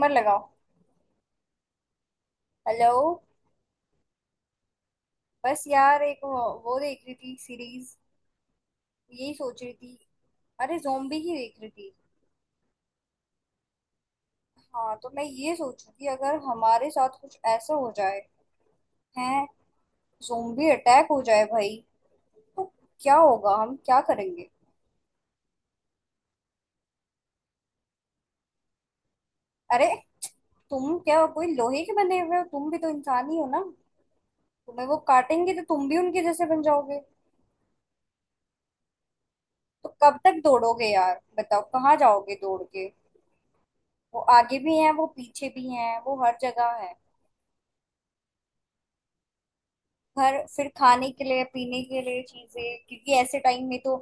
Timer लगाओ। Hello. बस यार एक वो देख रही थी सीरीज। यही सोच रही थी। अरे जोम्बी ही देख रही थी। हाँ तो मैं ये सोच रही थी, अगर हमारे साथ कुछ ऐसा हो जाए। हैं? जोम्बी अटैक हो जाए भाई। तो क्या होगा, हम क्या करेंगे? अरे, तुम क्या कोई लोहे के बने हुए हो, तुम भी तो इंसान ही हो ना। तुम्हें वो काटेंगे तो तुम भी उनके जैसे बन जाओगे। तो कब तक दौड़ोगे यार, बताओ कहाँ जाओगे दौड़ के। वो आगे भी हैं, वो पीछे भी हैं, वो हर जगह है। घर फिर खाने के लिए पीने के लिए चीजें। क्योंकि ऐसे टाइम में तो।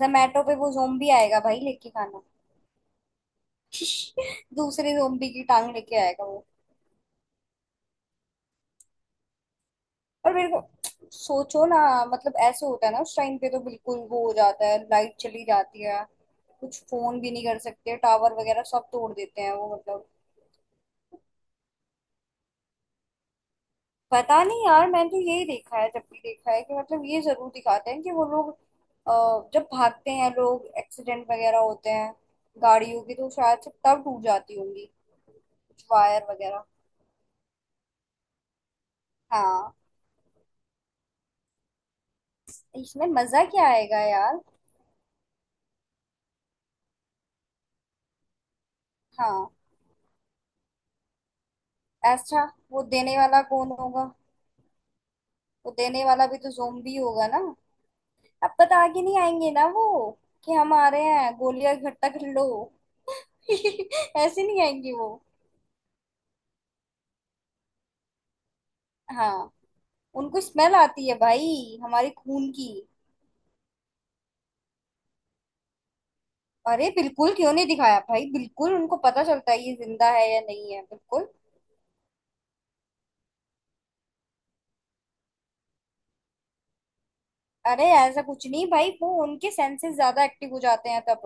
जोमेटो पे वो जोम्बी आएगा भाई लेके खाना। दूसरे जोम्बी की टांग लेके आएगा वो। और मेरे को सोचो ना। मतलब ऐसे होता है ना, उस टाइम पे तो बिल्कुल वो हो जाता है, लाइट चली जाती है। कुछ फोन भी नहीं कर सकते, टावर वगैरह सब तोड़ देते हैं वो, मतलब। पता नहीं यार, मैंने तो यही देखा है, जब भी देखा है कि मतलब ये जरूर दिखाते हैं कि वो लोग जब भागते हैं, लोग एक्सीडेंट वगैरह होते हैं। गाड़ियों की तो शायद से तब टूट जाती होंगी कुछ वायर वगैरह। हाँ। इसमें मजा क्या आएगा यार। हाँ। अच्छा, वो देने वाला कौन होगा? वो देने वाला भी तो ज़ोंबी होगा ना। अब बता के नहीं आएंगे ना वो, कि हम आ रहे हैं, गोलियां इकट्ठा कर लो। ऐसे नहीं आएंगे वो। हाँ। उनको स्मेल आती है भाई हमारे खून की। अरे बिल्कुल, क्यों नहीं दिखाया भाई, बिल्कुल उनको पता चलता है ये जिंदा है या नहीं है, बिल्कुल। अरे ऐसा कुछ नहीं भाई, वो उनके सेंसेस ज्यादा एक्टिव हो जाते हैं तब।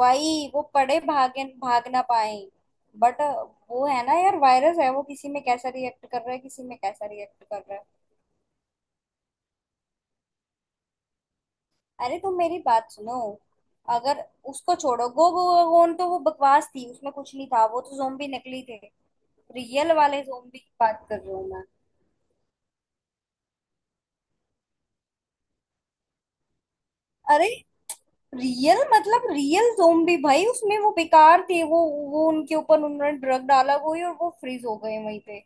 भाई वो पड़े भागे भाग ना पाए। बट वो है ना यार, वायरस है वो, किसी में कैसा रिएक्ट कर रहा है, किसी में कैसा रिएक्ट कर रहा है। अरे तुम मेरी बात सुनो। अगर उसको छोड़ो, गो गो गोन तो वो बकवास थी, उसमें कुछ नहीं था, वो तो जोम्बी नकली थे। रियल वाले जोम्बी की बात कर रही हूँ मैं। अरे रियल मतलब रियल ज़ोंबी भाई, उसमें वो बेकार थे वो। वो उनके ऊपर उन्होंने ड्रग डाला कोई, और वो फ्रीज हो गए वहीं पे।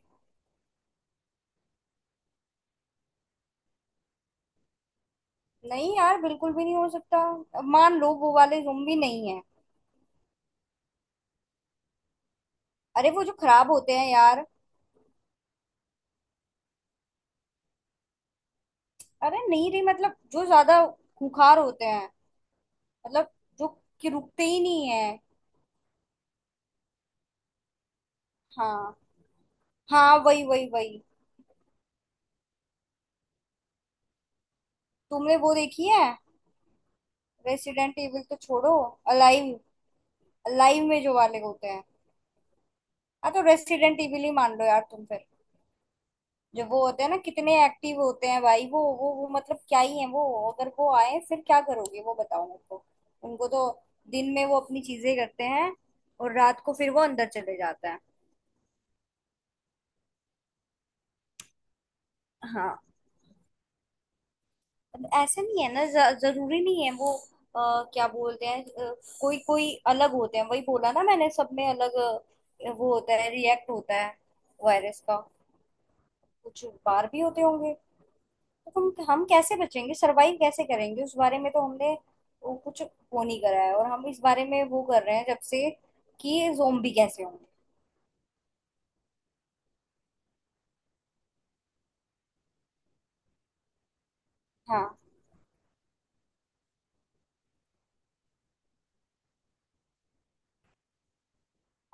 नहीं यार बिल्कुल भी नहीं हो सकता। अब मान लो वो वाले ज़ोंबी नहीं है। अरे वो जो खराब होते हैं यार। अरे नहीं रे, मतलब जो ज्यादा खूंखार होते हैं। मतलब जो कि रुकते ही नहीं है। हाँ। हाँ वही, वही, वही। तुमने वो देखी है? रेसिडेंट इविल तो छोड़ो। अलाइव। अलाइव में जो वाले होते हैं। हाँ तो रेसिडेंट इविल ही मान लो यार तुम फिर। जो वो होते हैं ना, कितने एक्टिव होते हैं भाई, वो मतलब क्या ही है वो। अगर वो आए फिर क्या करोगे, वो बताओ मेरे को। उनको तो दिन में वो अपनी चीजें करते हैं, और रात को फिर वो अंदर चले जाते हैं। हाँ। अब ऐसा नहीं है ना, जरूरी नहीं है वो। क्या बोलते हैं कोई कोई अलग होते हैं, वही बोला ना मैंने, सब में अलग वो होता है, रिएक्ट होता है वायरस का। कुछ बाहर भी होते होंगे। तो हम कैसे बचेंगे, सरवाइव कैसे करेंगे, उस बारे में तो हमने वो कुछ वो नहीं करा है, और हम इस बारे में वो कर रहे हैं जब से कि ज़ोंबी कैसे होंगे। हाँ।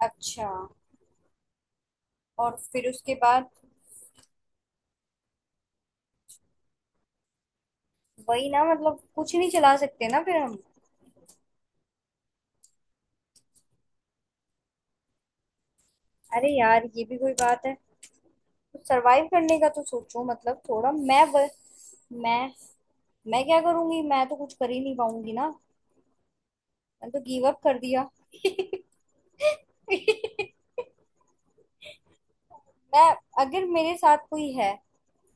अच्छा। और फिर उसके बाद? वही ना, मतलब कुछ नहीं चला सकते ना फिर हम। अरे यार ये भी कोई बात है। तो सरवाइव करने का तो सोचो, मतलब थोड़ा मैं मैं क्या करूंगी, मैं तो कुछ कर ही नहीं पाऊंगी ना। मैं तो गिव अप कर दिया। मैं, अगर मेरे साथ कोई है,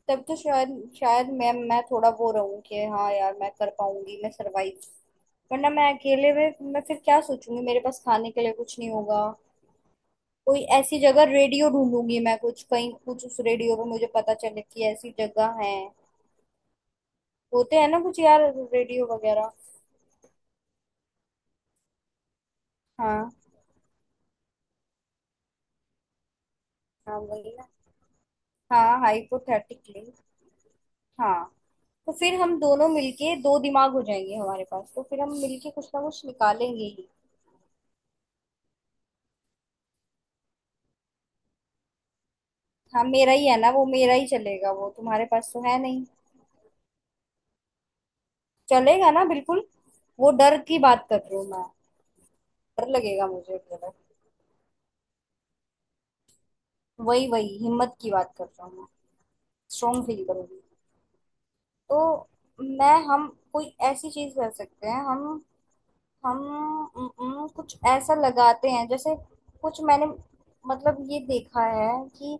तब तो शायद, शायद मैं थोड़ा वो रहूं कि हाँ यार मैं कर पाऊंगी मैं सरवाइव। वरना मैं अकेले में मैं फिर क्या सोचूंगी, मेरे पास खाने के लिए कुछ नहीं होगा। कोई ऐसी जगह रेडियो ढूंढूंगी मैं, कुछ कहीं कुछ उस रेडियो पे मुझे पता चले कि ऐसी जगह है। होते हैं ना कुछ यार, रेडियो वगैरह। हाँ। हाँ वही ना। हाँ, हाइपोथेटिकली। हाँ तो फिर हम दोनों मिलके दो दिमाग हो जाएंगे हमारे पास, तो फिर हम मिलके कुछ ना कुछ निकालेंगे ही। हाँ मेरा ही है ना वो, मेरा ही चलेगा, वो तुम्हारे पास तो है नहीं। चलेगा ना बिल्कुल। वो डर की बात कर रही हूँ मैं। डर लगेगा मुझे थोड़ा। वही, वही हिम्मत की बात कर रहा हूँ मैं। स्ट्रोंग फील करूंगी। तो मैं हम कोई ऐसी चीज कर सकते हैं हम। हम कुछ ऐसा लगाते हैं जैसे, कुछ मैंने मतलब ये देखा है कि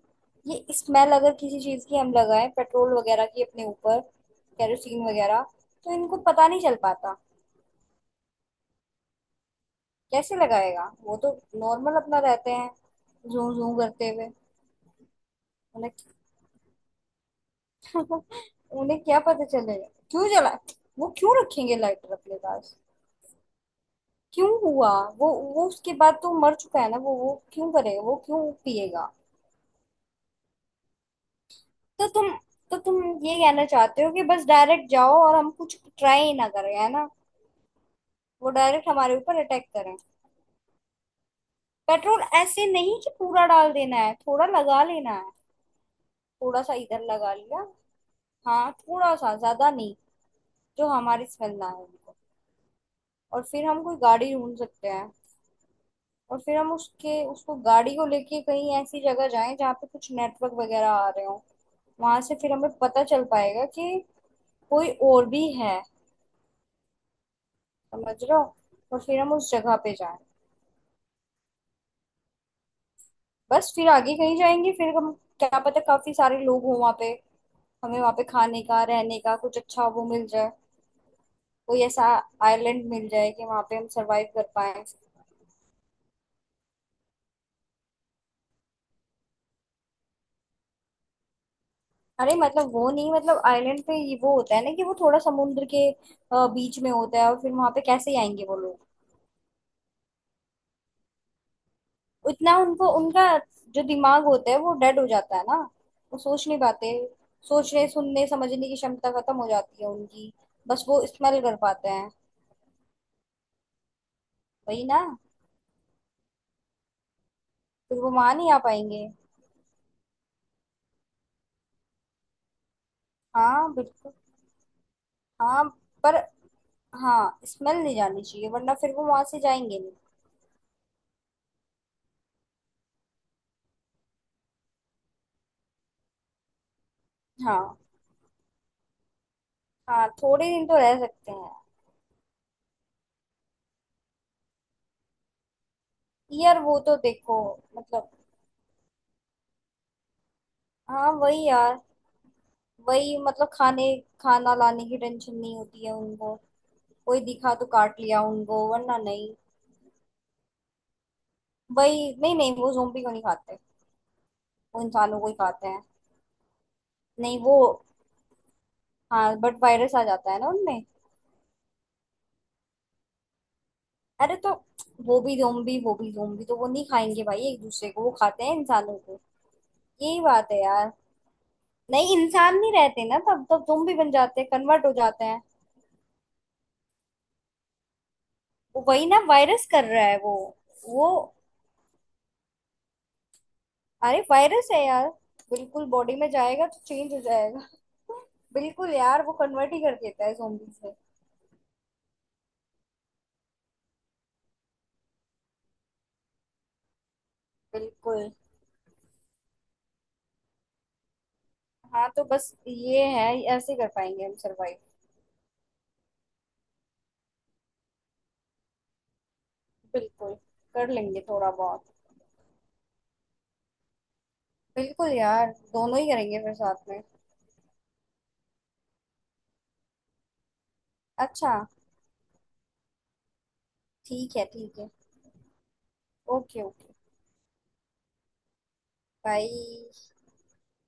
ये स्मेल अगर किसी चीज की हम लगाएं, पेट्रोल वगैरह की अपने ऊपर, कैरोसिन वगैरह, तो इनको पता नहीं चल पाता। कैसे लगाएगा वो तो, नॉर्मल अपना रहते हैं जू जू करते हुए उन्हें। उन्हें क्या पता चलेगा, क्यों जला। वो क्यों रखेंगे लाइटर अपने पास? क्यों हुआ? वो वो उसके बाद तो मर चुका है ना वो क्यों करेगा, वो क्यों पिएगा। तो तुम तो तुम ये कहना चाहते हो कि बस डायरेक्ट जाओ और हम कुछ ट्राई ही ना करें, है ना। वो डायरेक्ट हमारे ऊपर अटैक करें। पेट्रोल ऐसे नहीं कि पूरा डाल देना है, थोड़ा लगा लेना है। थोड़ा सा इधर लगा लिया। हाँ थोड़ा सा, ज्यादा नहीं। जो हमारी स्मेल ना आए उनको। और फिर हम कोई गाड़ी ढूंढ सकते हैं। और फिर हम उसके उसको गाड़ी को लेके कहीं ऐसी जगह जाएं जहाँ पे कुछ नेटवर्क वगैरह आ रहे हो। वहां से फिर हमें पता चल पाएगा कि कोई और भी है। समझ रहे हो। और फिर हम उस जगह पे जाएं। बस फिर आगे कहीं जाएंगे फिर हम। क्या पता काफी सारे लोग हों वहाँ पे। हमें वहाँ पे खाने का रहने का कुछ अच्छा वो मिल जाए। कोई ऐसा आइलैंड मिल जाए कि वहाँ पे हम सरवाइव कर पाए। अरे मतलब वो नहीं, मतलब आइलैंड पे ये वो होता है ना कि वो थोड़ा समुद्र के बीच में होता है, और फिर वहां पे कैसे आएंगे वो लोग। इतना उनको उनका जो दिमाग होता है वो डेड हो जाता है ना। वो सोच नहीं पाते। सोचने सुनने समझने की क्षमता खत्म हो जाती है उनकी। बस वो स्मेल कर पाते हैं। वही ना। फिर वो वहां नहीं आ पाएंगे। हाँ बिल्कुल। हाँ। पर हाँ, स्मेल नहीं जानी चाहिए, वरना फिर वो वहां से जाएंगे नहीं। हाँ हाँ, थोड़े दिन तो रह सकते हैं। यार वो तो देखो मतलब। हाँ वही यार। वही मतलब, खाने खाना लाने की टेंशन नहीं होती है उनको। कोई दिखा तो काट लिया उनको, वरना नहीं। वही, नहीं नहीं, वो जोम्बी को नहीं खाते। वो इंसानों को ही खाते हैं। नहीं वो, हाँ बट वायरस आ जाता है ना उनमें। अरे तो वो भी जोम्बी, वो भी जोम्बी, तो वो नहीं खाएंगे भाई एक दूसरे को, वो खाते हैं इंसानों को। यही बात है यार। नहीं इंसान नहीं रहते ना, तब तब जोम्बी बन जाते हैं, कन्वर्ट हो जाते हैं। वो वही ना, वायरस कर रहा है वो वो। अरे वायरस है यार। बिल्कुल, बॉडी में जाएगा तो चेंज हो जाएगा। बिल्कुल यार, वो कन्वर्ट ही कर देता है zombies में। बिल्कुल। हाँ तो बस ये है। ऐसे कर पाएंगे हम सरवाइव। बिल्कुल। कर लेंगे थोड़ा बहुत। बिल्कुल यार, दोनों ही करेंगे फिर साथ में। अच्छा। ठीक है, ठीक है। Okay, okay. बाय।